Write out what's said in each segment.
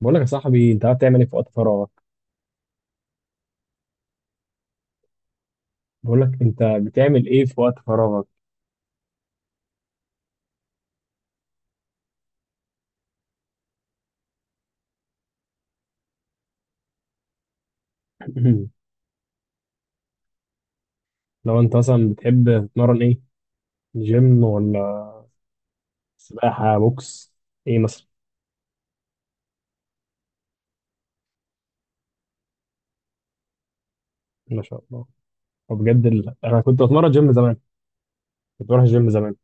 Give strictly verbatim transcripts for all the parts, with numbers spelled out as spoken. بقول لك يا صاحبي، انت قاعد تعمل ايه في وقت فراغك؟ بقول لك انت بتعمل ايه في وقت فراغك؟ لو انت مثلا بتحب تتمرن ايه؟ جيم ولا سباحة بوكس، ايه مثلا؟ ما شاء الله. وبجد ال... انا كنت بتمرن جيم زمان، كنت بروح الجيم زمان.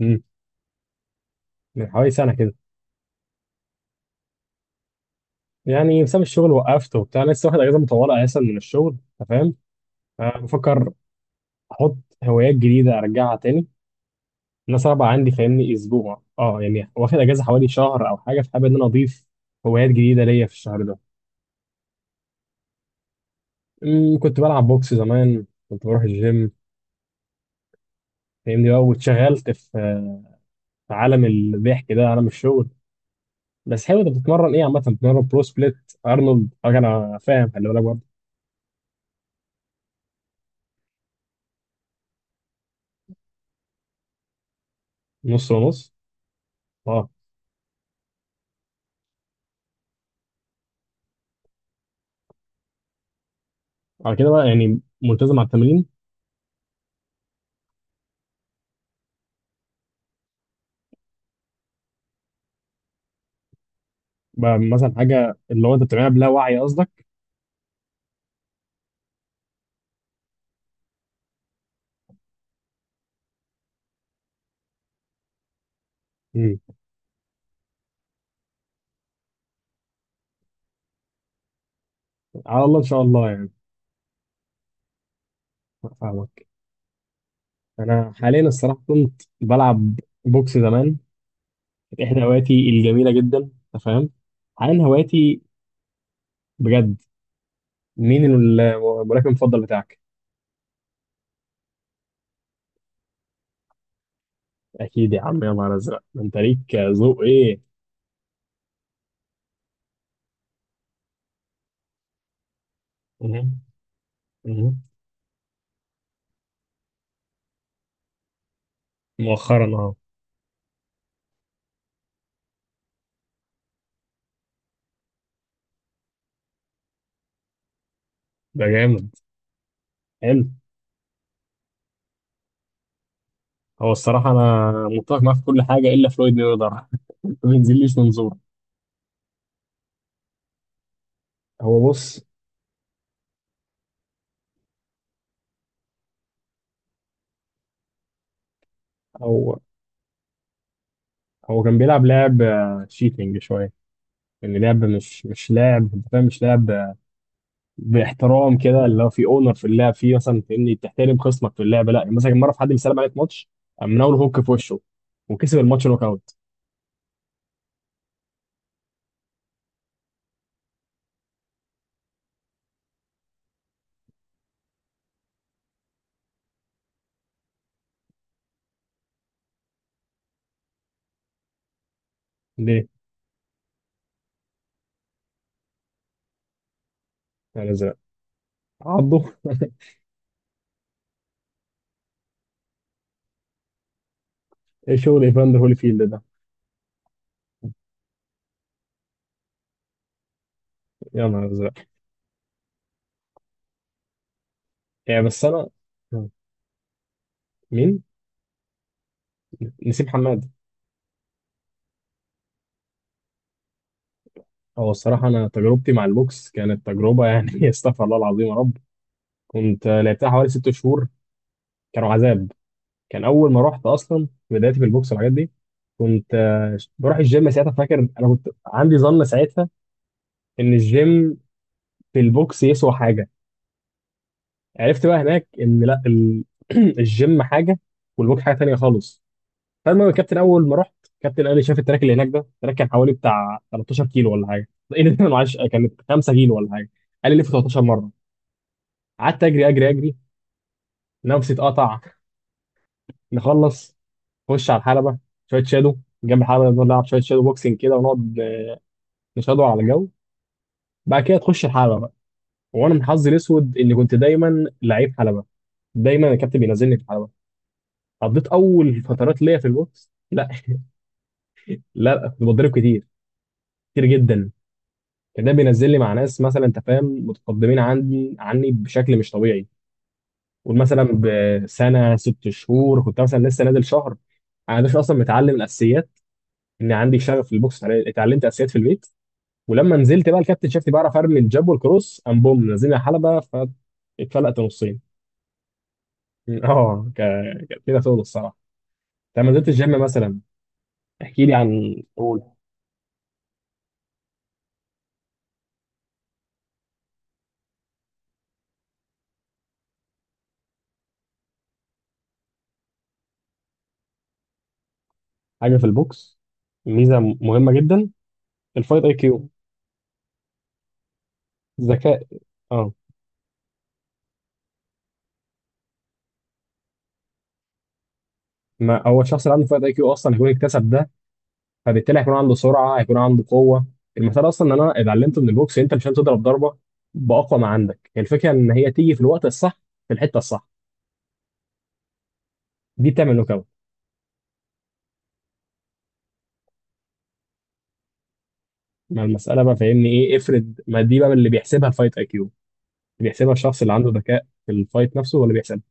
امم من حوالي سنة كده. يعني بسبب الشغل وقفت وبتاع، أنا لسه واخد اجازة مطولة اساسا من الشغل، انت فاهم؟ أه بفكر احط هوايات جديدة ارجعها تاني. انا صعبة عندي، فاهمني اسبوع اه، يعني واخد اجازة حوالي شهر او حاجة، فحابب ان انا اضيف هوايات جديدة ليا في الشهر ده. أمم، كنت بلعب بوكس زمان، كنت بروح الجيم. فاهمني بقى، واتشغلت في في عالم الضحك ده، عالم الشغل. بس حلو، انت بتتمرن ايه عامة؟ بتتمرن برو سبليت، ارنولد، حاجة؟ انا فاهم، خلي بالك برضه. نص ونص، اه. على كده بقى يعني ملتزم على التمرين. بقى مثلا حاجة اللي هو انت بتعملها بلا وعي قصدك؟ أمم، على الله ان شاء الله يعني. فاهمك. انا حاليا الصراحة كنت بلعب بوكس زمان، كانت احدى هواياتي الجميلة جدا، انت فاهم. حاليا هواياتي، بجد. مين ال- الملاكم المفضل بتاعك؟ اكيد يا عم، يا نهار ازرق، ده انت ليك ذوق ايه. مهم. مهم. مؤخرا، اه. ده جامد. حلو. هو الصراحه انا متفق معاه في كل حاجه الا فلويد ميوزر ما بينزليش منظور. هو بص، هو هو كان بيلعب لعب شيتنج شويه، يعني لعب مش مش لعب، انت فاهم، مش لعب آه، باحترام كده، اللي هو في اونر في اللعب فيه، مثلا فاهمني، تحترم خصمك في اللعب. لا يعني مثلا كان مره في حد بيسلم عليك ماتش، قام مناول هوك في وشه وكسب الماتش نوك اوت. ليه؟ يعني زي عضه ايه شغل ايفاندر هوليفيلد ده؟ يا نهار ازرق. يعني بس انا، مين؟ نسيب حماد. هو الصراحه انا تجربتي مع البوكس كانت تجربه يعني استغفر الله العظيم يا رب. كنت لعبتها حوالي ست شهور، كانوا عذاب. كان اول ما رحت اصلا في بدايتي في البوكس والحاجات دي، كنت آه، بروح الجيم ساعتها. فاكر انا كنت عندي ظن ساعتها ان الجيم في البوكس يسوى حاجه. عرفت بقى هناك ان لا، ال- الجيم حاجه والبوكس حاجه تانيه خالص. فالمهم، الكابتن اول ما رحت، الكابتن قال لي، شاف التراك اللي هناك ده، التراك كان حوالي بتاع 13 كيلو ولا حاجه. ايه ده معلش، كانت 5 كيلو ولا حاجه. قال لي لف تلتاشر مرة مره، قعدت اجري اجري اجري. نفسي اتقطع. نخلص، نخش على الحلبه، شويه شادو جنب الحلبه، نقعد نلعب شويه شادو بوكسنج كده، ونقعد نشادو على الجو. بعد كده تخش الحلبه بقى. وانا من حظي الاسود اني كنت دايما لعيب حلبه، دايما الكابتن بينزلني في الحلبه. قضيت اول فترات ليا في البوكس، لا، لا، كنت بتضرب كتير، كتير جدا. كان ده بينزل لي مع ناس مثلا، انت فاهم، متقدمين عني عني بشكل مش طبيعي. قول مثلا بسنه ست شهور، كنت مثلا لسه نازل شهر، انا مش اصلا متعلم الاساسيات. ان عندي شغف للبوكس، اتعل- اتعلمت اساسيات في البيت. ولما نزلت بقى الكابتن شافني بعرف ارمي الجاب والكروس، قام بوم نزلني على حلبه فاتفلقت نصين اه، ك- كانت كده شغل الصراحه. انت لما نزلت الجيم مثلا، احكي لي، عن قول. حاجه في البوكس، ميزه مهمه جدا، الفايت اي كيو، ذكاء، اه. ما هو الشخص اللي عنده فائق اي كيو اصلا هيكون اكتسب ده، فبالتالي هيكون عنده سرعه، هيكون عنده قوه. المثال اصلا ان انا اتعلمته من البوكس، انت مش هتضرب ضربه باقوى ما عندك، هي الفكره ان هي تيجي في الوقت الصح في الحته الصح. دي بتعمل نوك اوت. ما المساله بقى فاهمني، ايه افرض، ما دي بقى اللي بيحسبها الفايت اي كيو، اللي بيحسبها الشخص اللي عنده ذكاء في الفايت نفسه ولا بيحسبها.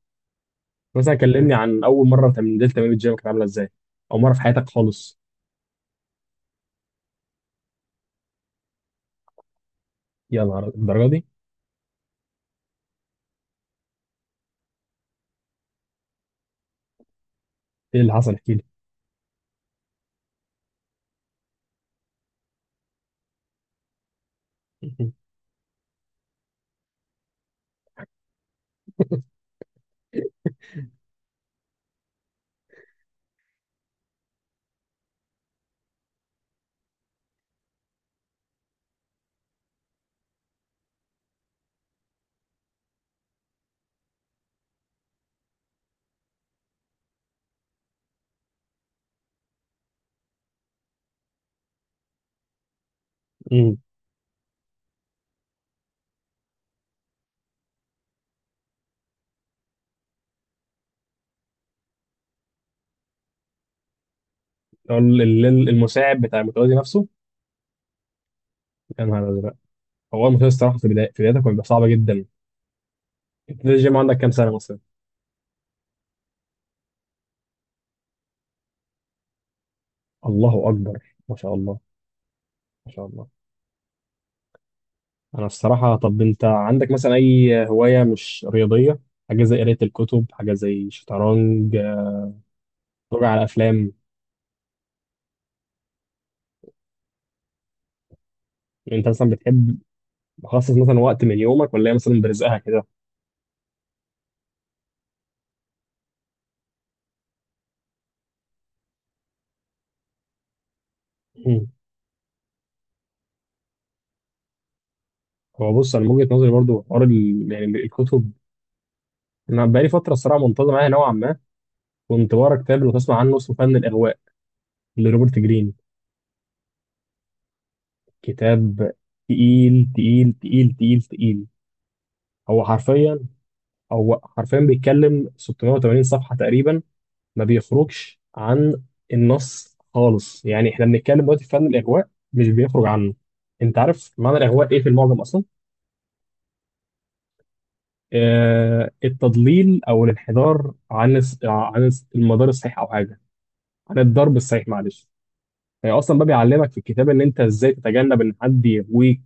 مثلا كلمني عن اول مره انت نزلت تمرين الجيم، كانت عامله ازاي؟ او مره في حياتك خالص. يا نهار الدرجه دي. ايه اللي حصل، احكي لي. أمم. ال- ال- المساعد بتاع المتوازي نفسه. يا نهار أزرق. هو المسلسل الصراحه في بداية- في بدايته كان بيبقى صعب جدا. انت الجيم عندك كام سنه مثلا؟ الله اكبر، ما شاء الله. ما شاء الله. انا الصراحه، طب انت عندك مثلا اي هوايه مش رياضيه؟ حاجه زي قرايه الكتب، حاجه زي شطرنج، تتفرج على افلام. انت مثلا بتحب تخصص مثلا وقت من يومك، ولا هي مثلا برزقها كده؟ مم. هو بص، انا من وجهه نظري برضو، حوار ال- يعني الكتب. انا بقالي فتره الصراحه منتظم معايا نوعا ما. كنت بقرا كتاب لو تسمع عنه، اسمه فن الاغواء، لروبرت جرين. كتاب تقيل تقيل تقيل تقيل تقيل. هو حرفيا هو حرفيا بيتكلم 680 صفحة تقريبا، ما بيخرجش عن النص خالص. يعني احنا بنتكلم دلوقتي في فن الإغواء، مش بيخرج عنه. انت عارف معنى الإغواء ايه في المعجم اصلا؟ آه، التضليل او الانحدار عن الس- عن الس- المدار الصحيح، او حاجة عن الضرب الصحيح، معلش. هي اصلا بقى بيعلمك في الكتاب ان انت ازاي تتجنب ان حد يغويك،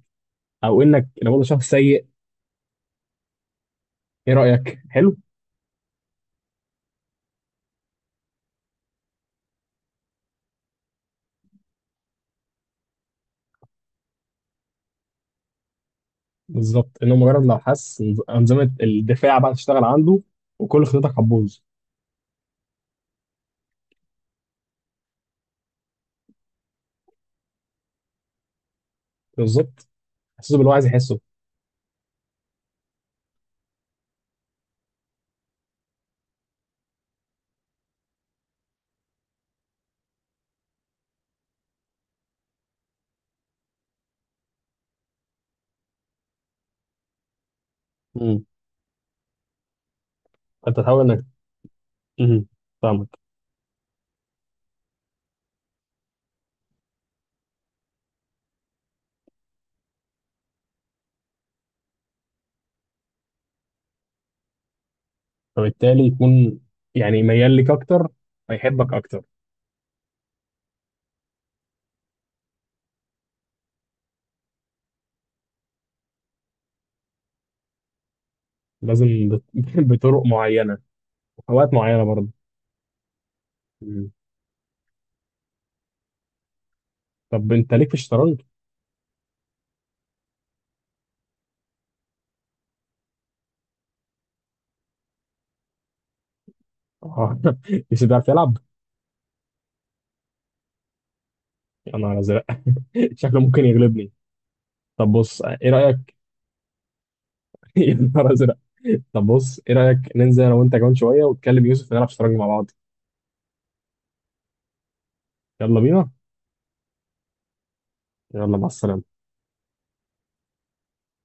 او انك لو انت شخص سيء. ايه رأيك، حلو؟ بالظبط، انه مجرد لو حس إن انظمه الدفاع بقى تشتغل عنده، وكل خطتك هتبوظ. بالظبط. حسيته باللي هو عايز يحسه. امم. فانت تحاول انك، امم، فاهمك. فبالتالي يكون يعني ميال ليك اكتر، فيحبك اكتر. لازم بط- بطرق معينه، اوقات معينه برضه. أمم. طب انت ليك في الشطرنج؟ آه مش بتعرف تلعب؟ يا نهار ازرق شكله ممكن يغلبني. طب بص، ايه رايك يا نهار ازرق. طب بص، ايه رايك ننزل انا وانت كمان شويه، وتكلم يوسف نلعب شطرنج مع بعض؟ يلا بينا. يلا مع السلامة.